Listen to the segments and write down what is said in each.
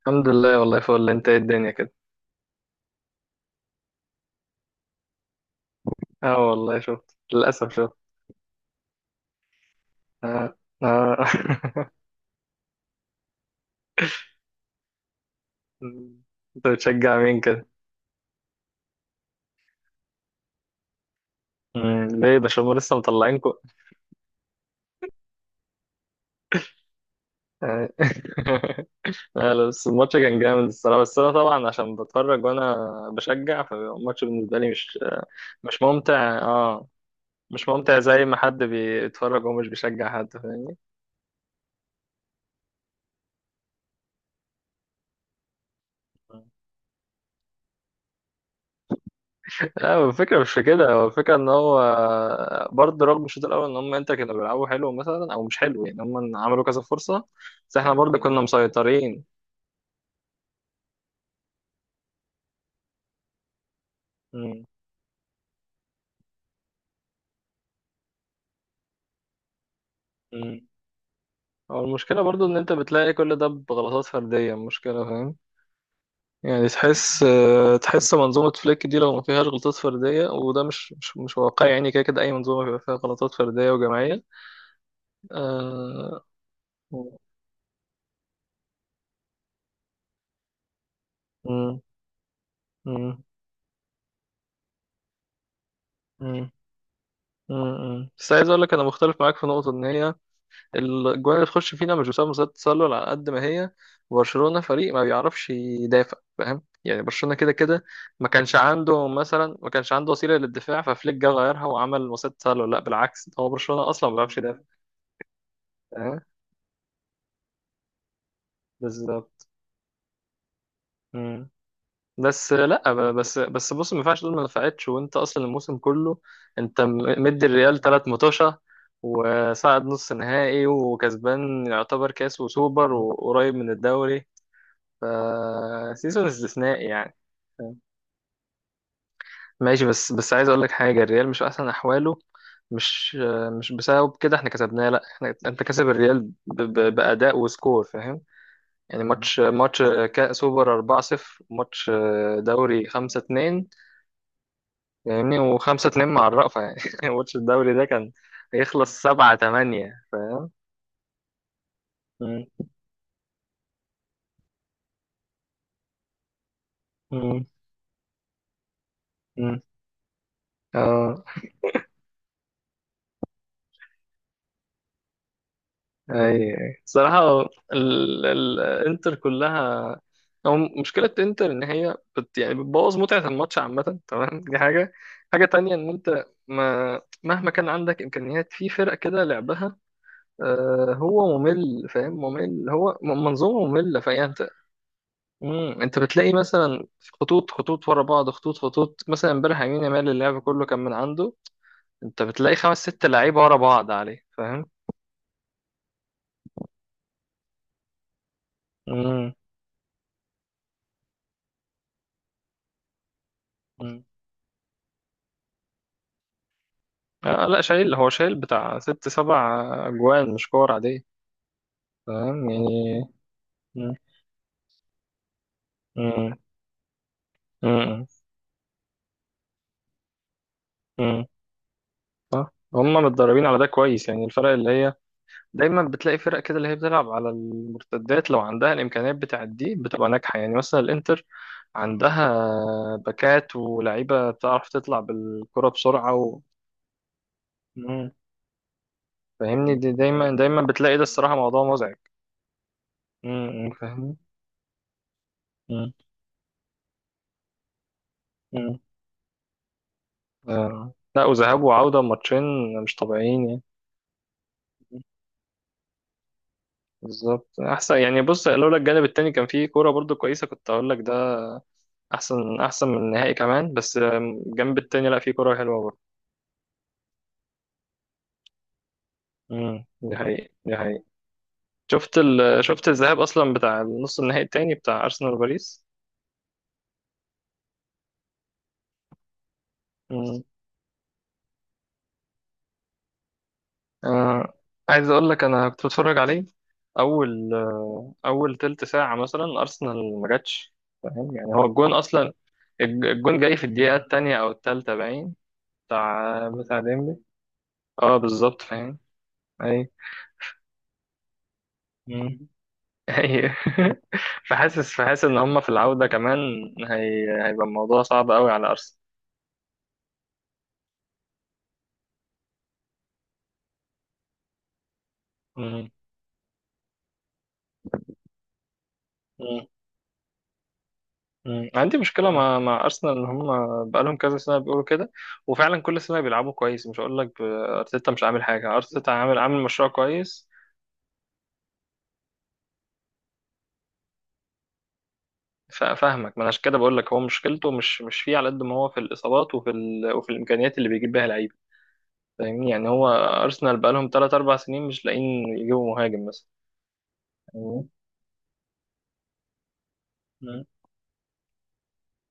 الحمد لله، والله فل. انت ايه الدنيا كده؟ اه والله شفت، للاسف شفت. اه اه. انت بتشجع مين كده؟ ليه ده؟ شو لسه مطلعينكم؟ آه. لا لا، بس الماتش كان جامد الصراحه. بس انا طبعا عشان بتفرج وانا بشجع، فالماتش بالنسبه لي مش ممتع. اه مش ممتع زي ما حد بيتفرج ومش بيشجع حد، فاهمني. لا هو الفكرة مش في كده، هو الفكرة ان هو برضه رغم الشوط الاول ان هم انت كانوا بيلعبوا حلو مثلا او مش حلو. يعني هم عملوا كذا فرصة بس احنا برضه كنا مسيطرين. امم امم هو المشكلة برضه ان انت بتلاقي كل ده بغلطات فردية، المشكلة فاهم. يعني تحس آه، تحس منظومة فليك دي لو ما فيهاش غلطات فردية، وده مش واقعي يعني. كده كده اي منظومة بيبقى فيها غلطات فردية وجماعية آه، امم امم امم بس عايز اقول لك انا مختلف معاك في نقطة ان هي الجوان اللي تخش فينا مش بسبب مصيدة التسلل على قد ما هي برشلونة فريق ما بيعرفش يدافع. فاهم يعني برشلونة كده كده ما كانش عنده مثلا، ما كانش عنده وسيلة للدفاع ففليك جه غيرها وعمل مصيدة تسلل. لا بالعكس، هو برشلونة أصلا ما بيعرفش يدافع، فاهم. بالظبط. مم. بس لا ب- بس بس بص ما ينفعش تقول ما نفعتش وانت اصلا الموسم كله انت مدي الريال ثلاث مطوشة وصعد نص نهائي وكسبان، يعتبر كاس وسوبر وقريب من الدوري. فسيزو استثنائي يعني. ماشي بس بس عايز اقول لك حاجه، الريال مش في احسن احواله، مش مش بسبب كده احنا كسبناه. لا احنا انت كسب الريال باداء وسكور، فاهم يعني. مم. ماتش ماتش كاس سوبر 4-0، ماتش دوري 5-2 فاهمني. و5-2 مع الرأفة يعني. ماتش الدوري ده كان هيخلص 7-8 فاهم. مم. مم. مم. اه اي. أي. صراحة الانتر كلها، او مشكلة انتر ان هي بت يعني بتبوظ متعة الماتش عامة، تمام. دي حاجة. حاجة تانية ان انت ما مهما كان عندك امكانيات في فرق كده لعبها آه، هو ممل فاهم، ممل. هو منظومة مملة. فهي انت انت بتلاقي مثلا خطوط خطوط ورا بعض، خطوط خطوط مثلا. امبارح يمين يامال اللعب كله كان من عنده. انت بتلاقي خمس ست لعيبة ورا بعض عليه، فاهم. مم. آه لا شايل، هو شايل بتاع ست سبع أجوان، مش كور عادية، فاهم يعني. مم. مم. مم. مم. صح هم متدربين على ده كويس. يعني الفرق اللي هي دايما بتلاقي فرق كده اللي هي بتلعب على المرتدات، لو عندها الإمكانيات بتاعت دي بتبقى ناجحة. يعني مثلا الإنتر عندها باكات ولعيبة بتعرف تطلع بالكرة بسرعة و... مم. فاهمني، دي دايما دايما بتلاقي، ده الصراحة موضوع مزعج. مم. مم. فاهمني. آه. لا، وذهاب وعودة ماتشين مش طبيعيين يعني. بالظبط احسن يعني. بص لولا الجانب التاني كان فيه كورة برضو كويسة كنت اقول لك ده احسن احسن من النهائي كمان، بس آم، الجنب التاني لا فيه كورة حلوة برضو. دي حقيقة دي حقيقة. شفت الذهاب اصلا بتاع نص النهائي التاني بتاع ارسنال وباريس آه. عايز اقول لك انا كنت بتفرج عليه اول آه، اول تلت ساعه مثلا ارسنال ما جاتش، فاهم يعني. هو الجون اصلا، الجون جاي في الدقيقه الثانيه او الثالثه باين. بتاع بتاع ديمبلي. اه بالظبط فاهم. اي مم. اي. فحاسس ان هم في العوده كمان، هيبقى الموضوع صعب قوي على ارسنال. مم. مم. عندي مشكلة آه. مع مع أرسنال إن هم بقالهم كذا سنة بيقولوا كده. وفعلا كل سنة بيلعبوا كويس. مش هقول لك أرتيتا مش عامل حاجة، أرتيتا عامل عامل مشروع كويس. فاهمك، ما أنا عشان كده بقول لك هو مشكلته مش مش فيه على قد ما هو في الإصابات وفي الإمكانيات اللي بيجيب بيها لعيبة، فاهمني يعني. هو أرسنال بقالهم 3 4 سنين مش لاقيين يجيبوا مهاجم مثلا، فاهمني؟ مم.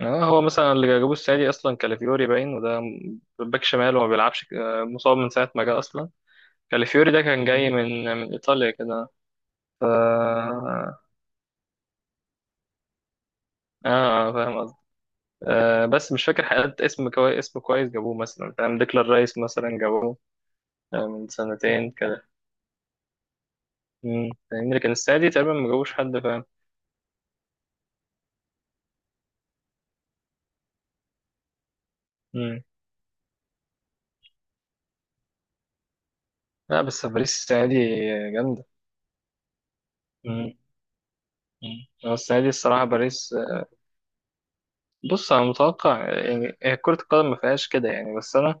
آه، هو مثلا اللي جابوه السنة دي أصلا كالافيوري باين، وده باك شمال وما بيلعبش آه، مصاب من ساعة ما جه أصلا. كالافيوري ده كان جاي من من إيطاليا كده ف... اه فاهم قصدي. آه بس مش فاكر حقيقة اسم كويس، اسم كويس جابوه مثلا فاهم. ديكلان رايس مثلا جابوه آه، من سنتين كده. فاهمني، لكن السنة دي تقريبا ما جابوش حد فاهم. امم. لا بس باريس السنة دي جامدة. امم. أمم. هو السنة دي الصراحة باريس. بص أنا متوقع يعني، هي كرة القدم ما فيهاش كده يعني، بس أنا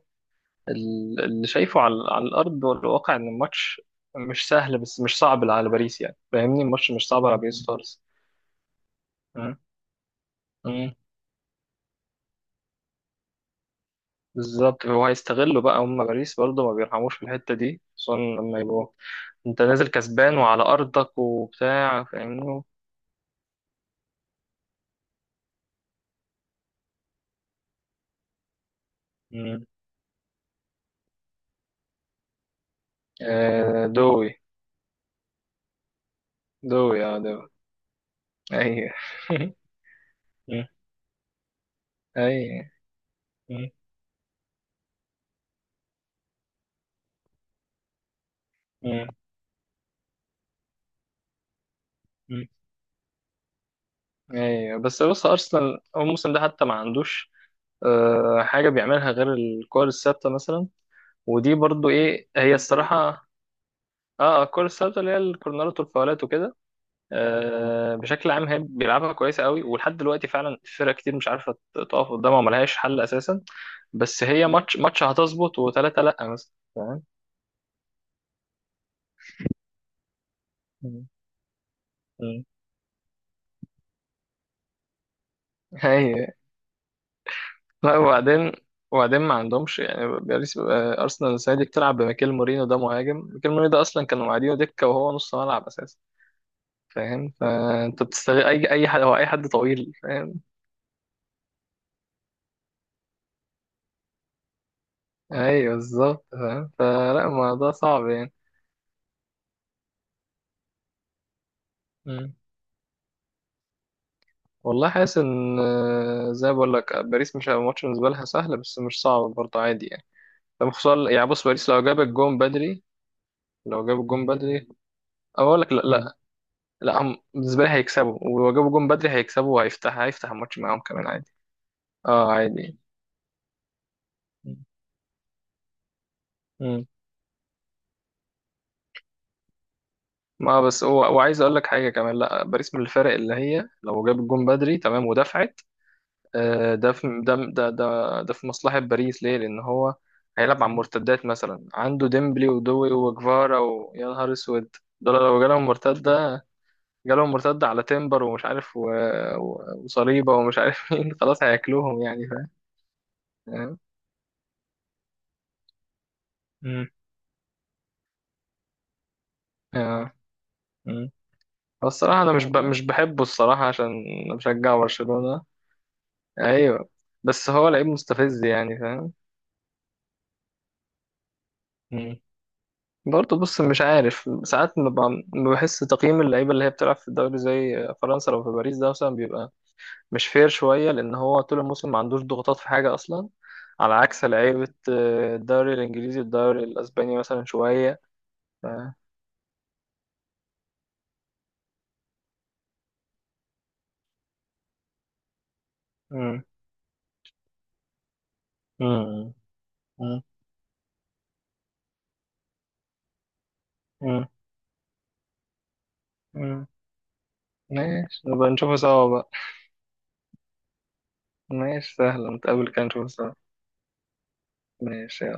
اللي شايفه على، على الأرض والواقع إن الماتش مش سهل بس مش صعب على باريس يعني. فاهمني الماتش مش صعب على باريس خالص. أمم. بالظبط. هو هيستغلوا بقى هم، باريس برضه ما بيرحموش في الحتة دي خصوصا لما يبقوا انت نازل كسبان وعلى أرضك وبتاع، فاهمني. مم. آه دوي. دوي اه دوي. ايوه. مم. ايوه. مم. مم. مم. ايوه بس بص أرسنال هو الموسم ده حتى ما عندوش آه حاجة بيعملها غير الكور الثابتة مثلا. ودي برضه ايه هي الصراحة. اه آه، الكور الثابتة اللي هي الكورنرات والفاولات وكده. آه، بشكل عام هي بيلعبها كويسه قوي ولحد دلوقتي فعلا فرق كتير مش عارفه تقف قدامها وملهاش حل اساسا. بس هي ماتش ماتش هتظبط وثلاثه لا مثلا فاهم. مم. مم. هي لا. وبعدين، وبعدين ما عندهمش يعني باريس آه، ارسنال السنه دي بتلعب بميكيل مورينو. ده مهاجم، ميكيل مورينو ده اصلا كانوا قاعدينه دكه وهو نص ملعب اساسا، فاهم. فانت بتستغل اي اي حد، هو اي حد طويل، فاهم. ايوه بالظبط فاهم. فلا الموضوع صعب يعني. والله حاسس ان آه، زي ما بقول لك باريس مش هيبقى ماتش بالنسبه لها سهل بس مش صعب برضه، عادي يعني. لما خصوصا يعني بص، باريس لو جاب الجون بدري، لو جاب الجون بدري اقول لك لا مم. لا. لا هم بالنسبه لي هيكسبوا، ولو جابوا الجون بدري هيكسبوا. وهيفتح هيفتح الماتش معاهم كمان عادي. اه عادي. مم. ما بس هو، وعايز اقول لك حاجه كمان. لا باريس من الفرق اللي هي لو جاب الجون بدري تمام ودفعت آه، ده في ده ده ده ده في مصلحة باريس، ليه؟ لأن هو هيلعب على المرتدات. مثلا عنده ديمبلي ودوي وجفارا ويا نهار أسود، دول لو جالهم مرتدة، جالهم مرتدة على تيمبر ومش عارف و... و... وصليبة ومش عارف مين، خلاص هياكلوهم يعني. فاهم؟ مم. آه. مم. هو الصراحة أنا مش بحبه الصراحة عشان أنا بشجع برشلونة. أيوه. بس هو لعيب مستفز يعني. فاهم؟ برضه بص مش عارف ساعات ما بحس تقييم اللعيبه اللي هي بتلعب في الدوري زي فرنسا لو في باريس ده مثلا بيبقى مش فير شويه لان هو طول الموسم ما عندوش ضغوطات في حاجه اصلا. على عكس لعيبه آه، الدوري الانجليزي الدوري الاسباني مثلا شويه ف... مم. مم. مم. مم. مم. ماشي نبقى نشوفه سوا بقى. ماشي سهل نتقابل كده نشوفه سوا. ماشي